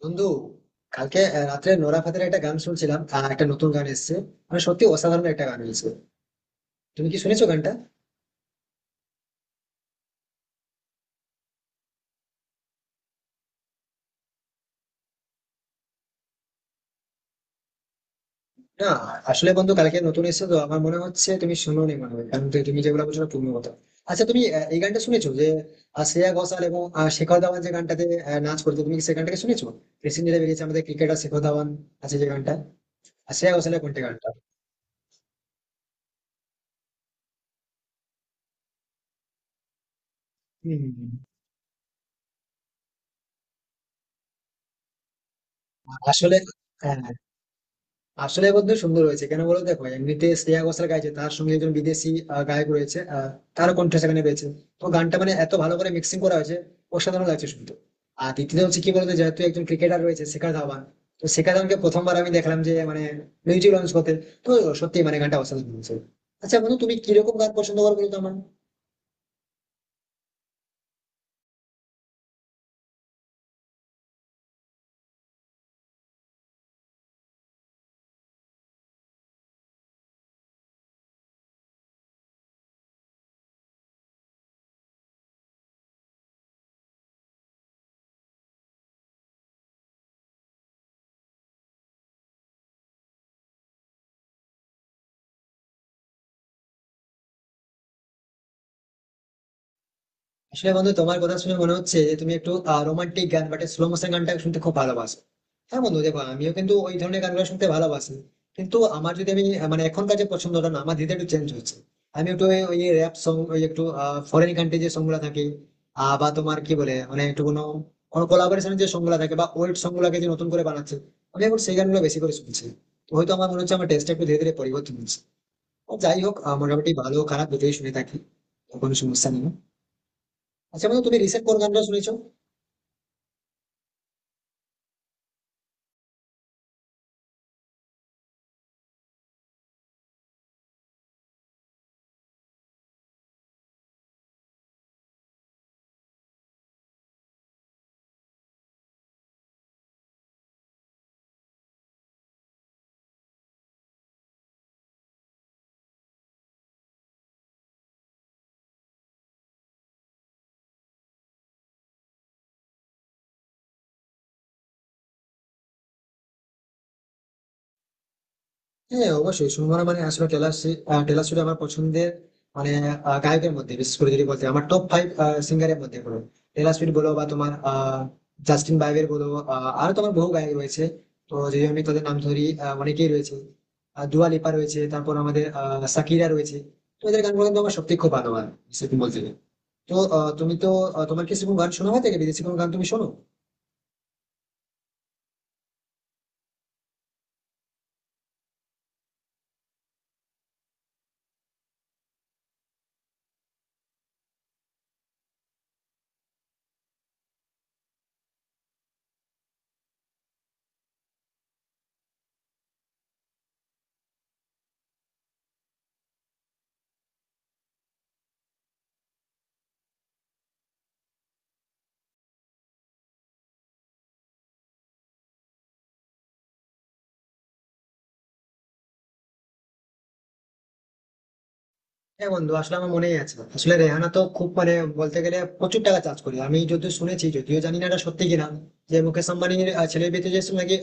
বন্ধু কালকে রাত্রে নোরা ফাতের একটা গান শুনছিলাম, একটা নতুন গান এসেছে। মানে সত্যি অসাধারণ একটা গান হয়েছে। তুমি কি শুনেছো গানটা? না, আসলে বন্ধু কালকে নতুন এসেছে তো আমার মনে হচ্ছে তুমি শুনোনি মনে হয়, কারণ তুমি তুমি যেগুলো বলছো না পূর্ণ কথা। আচ্ছা, তুমি এই গানটা শুনেছো যে শ্রেয়া ঘোষাল এবং শেখর ধাওয়ান যে গানটাতে নাচ করতো, তুমি কি সেই গানটাকে শুনেছো? রিসেন্টলি বেরিয়েছে আমাদের ক্রিকেটার শেখর ধাওয়ান আছে যে গানটা, আর শ্রেয়া ঘোষালের কোনটা গানটা। হুম, হুম, হুম। আসলে হ্যাঁ, আসলে বন্ধু সুন্দর হয়েছে কেন বলো, দেখো এমনিতে শ্রেয়া ঘোষাল গাইছে, তার সঙ্গে একজন বিদেশি গায়ক রয়েছে, তারও কণ্ঠ সেখানে পেয়েছে। তো গানটা মানে এত ভালো করে মিক্সিং করা হয়েছে, অসাধারণ লাগছে শুনতে। আর দ্বিতীয় হচ্ছে কি বলতো, যেহেতু একজন ক্রিকেটার রয়েছে শেখা ধাওয়ান, তো শেখা ধাওয়ানকে প্রথমবার আমি দেখলাম যে মানে মিউজিক লঞ্চ করতে। তো সত্যি মানে গানটা অসাধারণ হয়েছে। আচ্ছা বন্ধু, তুমি কিরকম গান পছন্দ করো বলো তো আমার। আসলে বন্ধু তোমার কথা শুনে মনে হচ্ছে যে তুমি একটু রোমান্টিক গান বা স্লো মোশন গানটা শুনতে খুব ভালোবাসো। হ্যাঁ বন্ধু, দেখো আমিও কিন্তু ওই ধরনের গানগুলো শুনতে ভালোবাসি। কিন্তু আমার যদি আমি মানে এখনকার যে পছন্দটা না, আমার ধীরে ধীরে একটু চেঞ্জ হচ্ছে। আমি একটু ওই র্যাপ সং, ওই একটু ফরেন কান্ট্রি যে সং গুলা থাকে, বা তোমার কি বলে মানে একটু কোনো কোনো কোলাবোরেশন যে সং গুলা থাকে বা ওল্ড সং গুলাকে যে নতুন করে বানাচ্ছে, আমি এখন সেই গানগুলো বেশি করে শুনছি। তো হয়তো আমার মনে হচ্ছে আমার টেস্টটা একটু ধীরে ধীরে পরিবর্তন হচ্ছে। আর যাই হোক মোটামুটি ভালো খারাপ দুটোই শুনে থাকি, কোনো সমস্যা নেই। আচ্ছা বন্ধু, তুমি রিসেন্ট কোন গানটা শুনেছো? হ্যাঁ অবশ্যই, শুনবো না মানে? আসলে টেলর টেলর সুইফট আমার পছন্দের মানে গায়কের মধ্যে। বিশেষ করে যদি বলতে আমার টপ 5 সিঙ্গারের মধ্যে বলো, টেলর সুইফট বলো বা তোমার জাস্টিন বাইবের বলো, আরো তোমার বহু গায়ক রয়েছে। তো যদি আমি তাদের নাম ধরি অনেকেই রয়েছে, দুয়া লিপা রয়েছে, তারপর আমাদের সাকিরা রয়েছে। তো এদের গানগুলো কিন্তু আমার সত্যি খুব ভালো লাগে সেরকম বলতে গেলে। তো তুমি তো তোমার কি সেরকম গান শোনা হয় থেকে বিদেশি কোনো গান তুমি শোনো? হ্যাঁ বন্ধু, আসলে আমার মনেই আছে। আসলে রেহানা তো খুব মানে বলতে গেলে প্রচুর টাকা চার্জ করে। আমি যদিও শুনেছি, যদিও জানি না এটা সত্যি কিনা, যে মুকেশ আম্বানির ছেলের বিয়েতে যে নাকি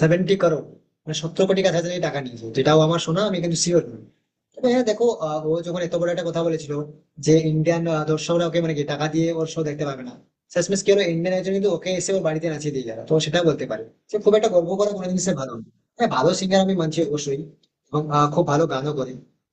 70 করোড় মানে 70 কোটি কাছাকাছি টাকা নিয়েছে, যেটাও আমার শোনা, আমি কিন্তু শিওর নই। তবে হ্যাঁ দেখো, ও যখন এত বড় একটা কথা বলেছিল যে ইন্ডিয়ান দর্শকরা ওকে মানে কি টাকা দিয়ে ওর শো দেখতে পাবে না, শেষমেশ কি হলো ইন্ডিয়ান একজন কিন্তু ওকে এসে ওর বাড়িতে নাচিয়ে দিয়ে গেল, তো সেটা বলতে পারে যে খুব একটা গর্ব করা কোনো জিনিসের ভালো না। হ্যাঁ ভালো সিঙ্গার আমি মানছি অবশ্যই, এবং খুব ভালো গানও করে।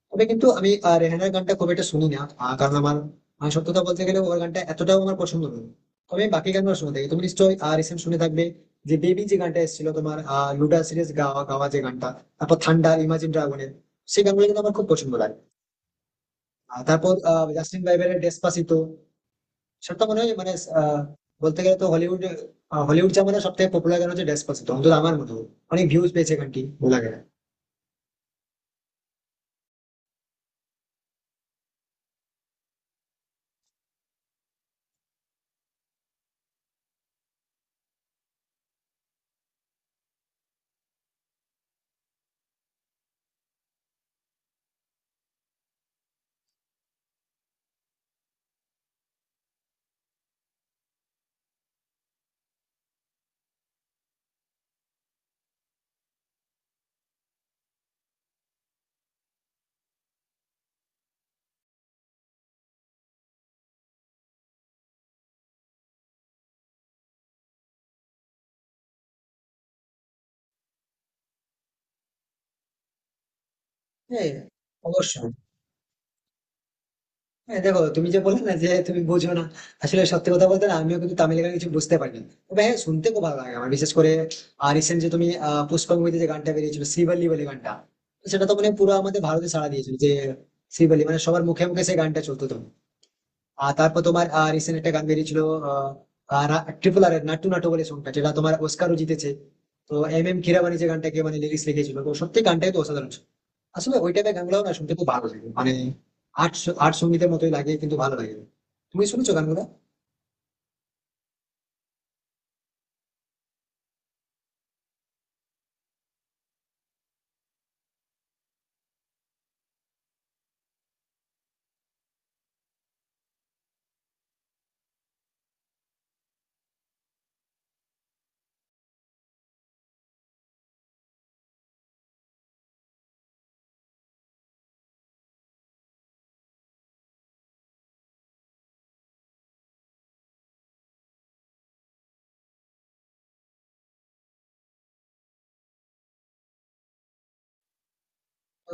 তবে কিন্তু আমি রেহানার গানটা খুব একটা শুনি না, কারণ আমার সত্যি কথা বলতে গেলে ওর গানটা এতটাও আমার পছন্দ নয়। তবে আমি বাকি গানগুলো শুনে থাকি। তুমি নিশ্চয়ই রিসেন্ট শুনে থাকবে যে বেবি যে গানটা এসেছিল তোমার লুডা সিরিজ গাওয়া গাওয়া যে গানটা, তারপর থান্ডার ইমাজিন ড্রাগনের, সেই গানগুলো কিন্তু আমার খুব পছন্দ লাগে। আর তারপর জাস্টিন বাইবারের ডেসপাসিতো, সেটা তো মনে হয় মানে আহ, বলতে গেলে তো হলিউড জামানার সব থেকে পপুলার গান হচ্ছে ডেসপাসিতো, অন্তত আমার মতো। অনেক ভিউজ পেয়েছে গানটি, ভালো লাগে। হ্যাঁ অবশ্যই। হ্যাঁ দেখো, তুমি যে বললে না যে তুমি বোঝো না, আসলে সত্যি কথা বলতে না, আমিও কিন্তু তামিল গান কিছু বুঝতে পারি না। তবে হ্যাঁ, শুনতে খুব ভালো লাগে আমার। বিশেষ করে রিসেন্ট যে তুমি পুষ্পা মুভিতে যে গানটা বেরিয়েছিল, শ্রীবল্লী বলে গানটা, সেটা তো মানে পুরো আমাদের ভারতে সাড়া দিয়েছিল যে শ্রীবল্লী মানে সবার মুখে মুখে সেই গানটা চলতো। তো আর তারপর তোমার রিসেন্ট একটা গান বেরিয়েছিল ট্রিপল আর নাট্টু নাটু বলে সংখ্যা, যেটা তোমার অস্কারও জিতেছে। তো এম এম কিরাবানি যে গানটাকে মানে লিরিক্স লিখেছিল, তো সত্যি গানটাই তো অসাধারণ ছিল। আসলে ওই টাইপের গানগুলো না শুনতে খুব ভালো লাগে মানে আর্ট আর্ট সঙ্গীতের মতোই লাগে, কিন্তু ভালো লাগে। তুমি শুনেছো গানগুলো?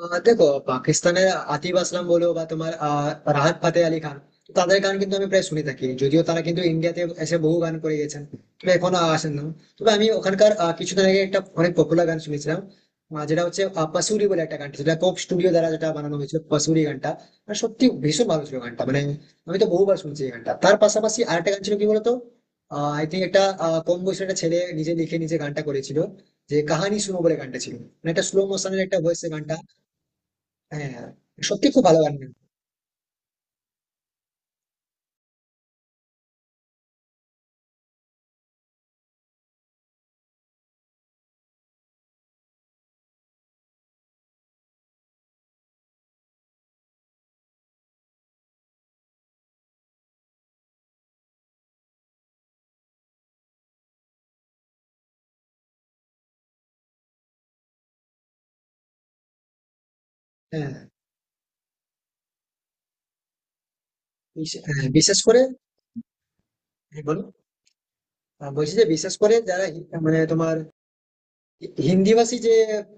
দেখো, পাকিস্তানের আতিফ আসলাম বলো বা তোমার রাহাত ফাতে আলী খান, তো তাদের গান কিন্তু আমি প্রায় শুনে থাকি, যদিও তারা কিন্তু ইন্ডিয়াতে এসে বহু গান করে গেছেন, তবে এখনো আসেন না। তবে আমি ওখানকার কিছুদিন আগে একটা অনেক পপুলার গান শুনেছিলাম, যেটা হচ্ছে পাসুরি বলে একটা গান, সেটা কোক স্টুডিও দ্বারা যেটা বানানো হয়েছিল, পাসুরি গানটা। আর সত্যি ভীষণ ভালো ছিল গানটা মানে, আমি তো বহুবার শুনছি এই গানটা। তার পাশাপাশি আরেকটা গান ছিল কি বলতো, আই থিঙ্ক একটা কম বয়সের একটা ছেলে নিজে লিখে নিজে গানটা করেছিল, যে কাহানি শুনো বলে গানটা ছিল, মানে একটা স্লো মোশনের একটা ভয়েসে গানটা। হ্যাঁ, হ্যাঁ। সত্যি খুব ভালো গান গায়। হ্যাঁ, হ্যাঁ, বিশেষ করে। হ্যাঁ, বলো। বলছি যে বিশেষ করে যারা মানে তোমার হিন্দিভাষী যে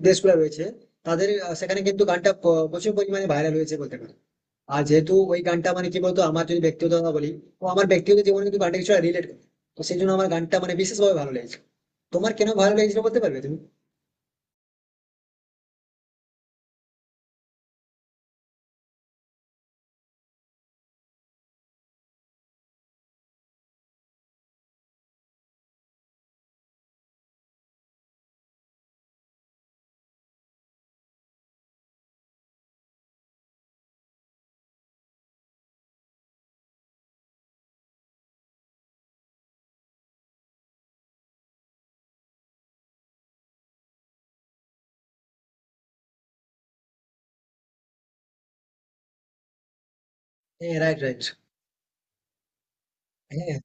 দেশগুলো রয়েছে, তাদের সেখানে কিন্তু গানটা প্রচুর পরিমাণে ভাইরাল হয়েছে বলতে পারো। আর যেহেতু ওই গানটা মানে কি বলতো, আমার যদি ব্যক্তিগত কথা বলি, ও আমার ব্যক্তিগত জীবনে কিন্তু গানটা কিছু রিলেট করে, তো সেই জন্য আমার গানটা মানে বিশেষভাবে ভালো লেগেছে। তোমার কেন ভালো লেগেছিল বলতে পারবে তুমি? হ্যাঁ, রাইট, রাইট। হ্যাঁ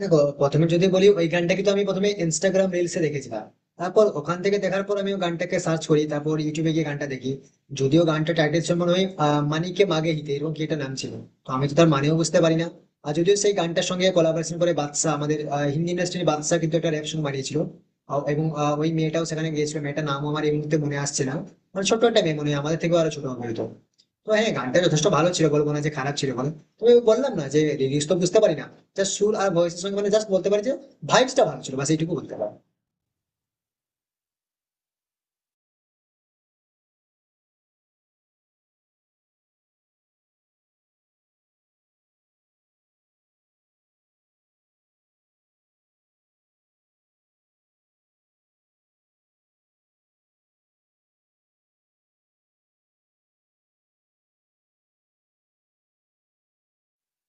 দেখো, প্রথমে যদি বলি ওই গানটা কিন্তু আমি প্রথমে ইনস্টাগ্রাম রিলসে দেখেছিলাম। তারপর ওখান থেকে দেখার পর আমি ওই গানটাকে সার্চ করি, তারপর ইউটিউবে গিয়ে গানটা দেখি। যদিও গানটা টাইটেল ছিল মনে হয় মানিকে মাগে হিতে, এরকম কি একটা নাম ছিল। তো আমি তো তার মানেও বুঝতে পারি না। আর যদিও সেই গানটার সঙ্গে কোলাবোরেশন করে বাদশা, আমাদের হিন্দি ইন্ডাস্ট্রির বাদশা, কিন্তু একটা র্যাপ সং বানিয়েছিল, এবং ওই মেয়েটাও সেখানে গিয়েছিল। মেয়েটার নামও আমার এই মুহূর্তে মনে আসছে না, মানে ছোট্ট একটা মেয়ে, মনে হয় আমাদের থেকেও আরো ছোট হবে হয়তো। তো হ্যাঁ, গানটা যথেষ্ট ভালো ছিল, বলবো না যে খারাপ ছিল বলো। তবে বললাম না যে লিরিক্স তো বুঝতে পারি না, জাস্ট সুর আর ভয়েসের সঙ্গে মানে, জাস্ট বলতে পারি যে ভাইবসটা ভালো ছিল, বাস এইটুকু বলতে পারি।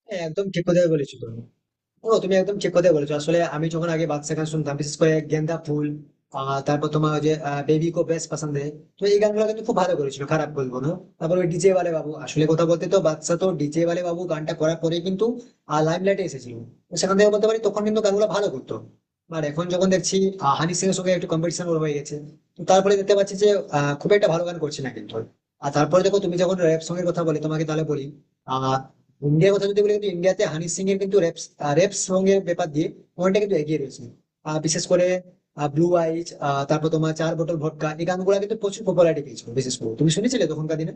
হ্যাঁ একদম ঠিক কথা বলেছো তুমি। ও, তুমি একদম ঠিক কথাই বলেছো। আসলে আমি যখন আগে বাদশা গান শুনতাম, বিশেষ করে গেন্দা ফুল, তারপর তোমার ওই যে বেবি কো বেশ পছন্দ হে, তো এই গানগুলো কিন্তু খুব ভালো করেছিল, খারাপ বলবো না। তারপর ওই ডিজে ওয়ালে বাবু, আসলে কথা বলতে তো বাদশা তো ডিজে ওয়ালে বাবু গানটা করার পরে কিন্তু লাইম লাইটে এসেছিল, তো সেখান থেকে বলতে পারি তখন কিন্তু গানগুলো ভালো করতো। আর এখন যখন দেখছি হানি সিং এর সঙ্গে একটু কম্পিটিশন ওর হয়ে গেছে, তো তারপরে দেখতে পাচ্ছি যে খুব একটা ভালো গান করছে না কিন্তু। আর তারপরে দেখো তুমি যখন র‍্যাপ সঙ্গে কথা বলে, তোমাকে তাহলে বলি আহ ইন্ডিয়ার কথা যদি বলি, কিন্তু ইন্ডিয়াতে হানি সিং এর কিন্তু রেপ রেপ সং এর ব্যাপার দিয়ে অনেকটা কিন্তু এগিয়ে রয়েছে। বিশেষ করে ব্লু আইজ, তারপর তোমার চার বোতল ভটকা, এই গানগুলো কিন্তু প্রচুর পপুলারিটি পেয়েছিল, বিশেষ করে তুমি শুনেছিলে তখনকার দিনে।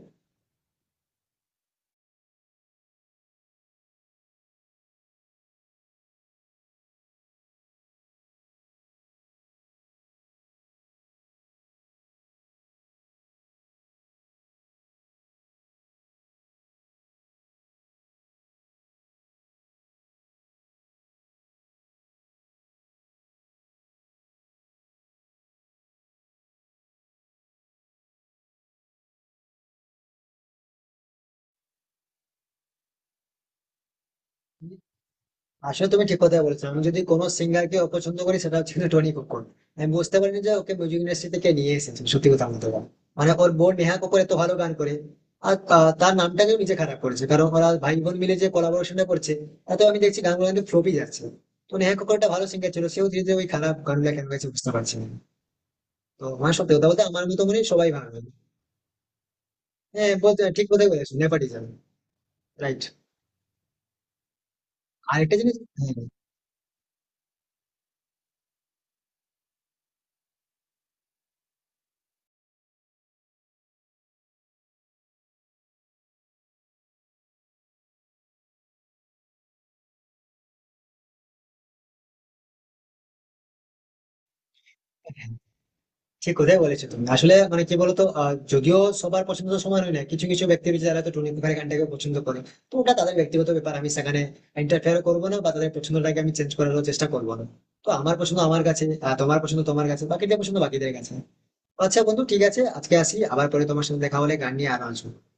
আসলে তুমি ঠিক কথাই বলেছো, আমি যদি কোনো সিঙ্গারকে অপছন্দ করি সেটা হচ্ছে কিন্তু টনি কক্কর। আমি বুঝতে পারিনি যে ওকে মিউজিক ইন্ডাস্ট্রি থেকে নিয়ে এসেছে সত্যি কথা বলতে গেলে। মানে ওর বোন নেহা কক্কর এত ভালো গান করে, আর তার নামটাকে নিজে খারাপ করেছে, কারণ ওরা ভাই বোন মিলে যে কোলাবোরেশনটা করছে তাতে আমি দেখছি গানগুলো কিন্তু ফ্লপই যাচ্ছে। তো নেহা কক্কর একটা ভালো সিঙ্গার ছিল, সেও ধীরে ধীরে ওই খারাপ গানগুলো কেন গেছে বুঝতে পারছি না। তো আমার সত্যি কথা বলতে আমার মতো মনে হয় সবাই ভালো। হ্যাঁ, বলতে ঠিক কথাই বলেছো, নেপাটিজম। রাইট। আরেকটা জিনিস। হ্যাঁ ঠিক কথাই বলেছো তুমি। আসলে মানে কি বলতো, যদিও সবার পছন্দ তো সমান হয় না, কিছু কিছু ব্যক্তি রয়েছে যারা তো টুনি মুখার্জির গানটাকে পছন্দ করে, তো ওটা তাদের ব্যক্তিগত ব্যাপার, আমি সেখানে ইন্টারফেয়ার করবো না বা তাদের পছন্দটাকে আমি চেঞ্জ করার চেষ্টা করবো না। তো আমার পছন্দ আমার কাছে, তোমার পছন্দ তোমার কাছে, বাকিদের পছন্দ বাকিদের কাছে। আচ্ছা বন্ধু, ঠিক আছে, আজকে আসি, আবার পরে তোমার সাথে দেখা হলে গান নিয়ে আরো আসবো।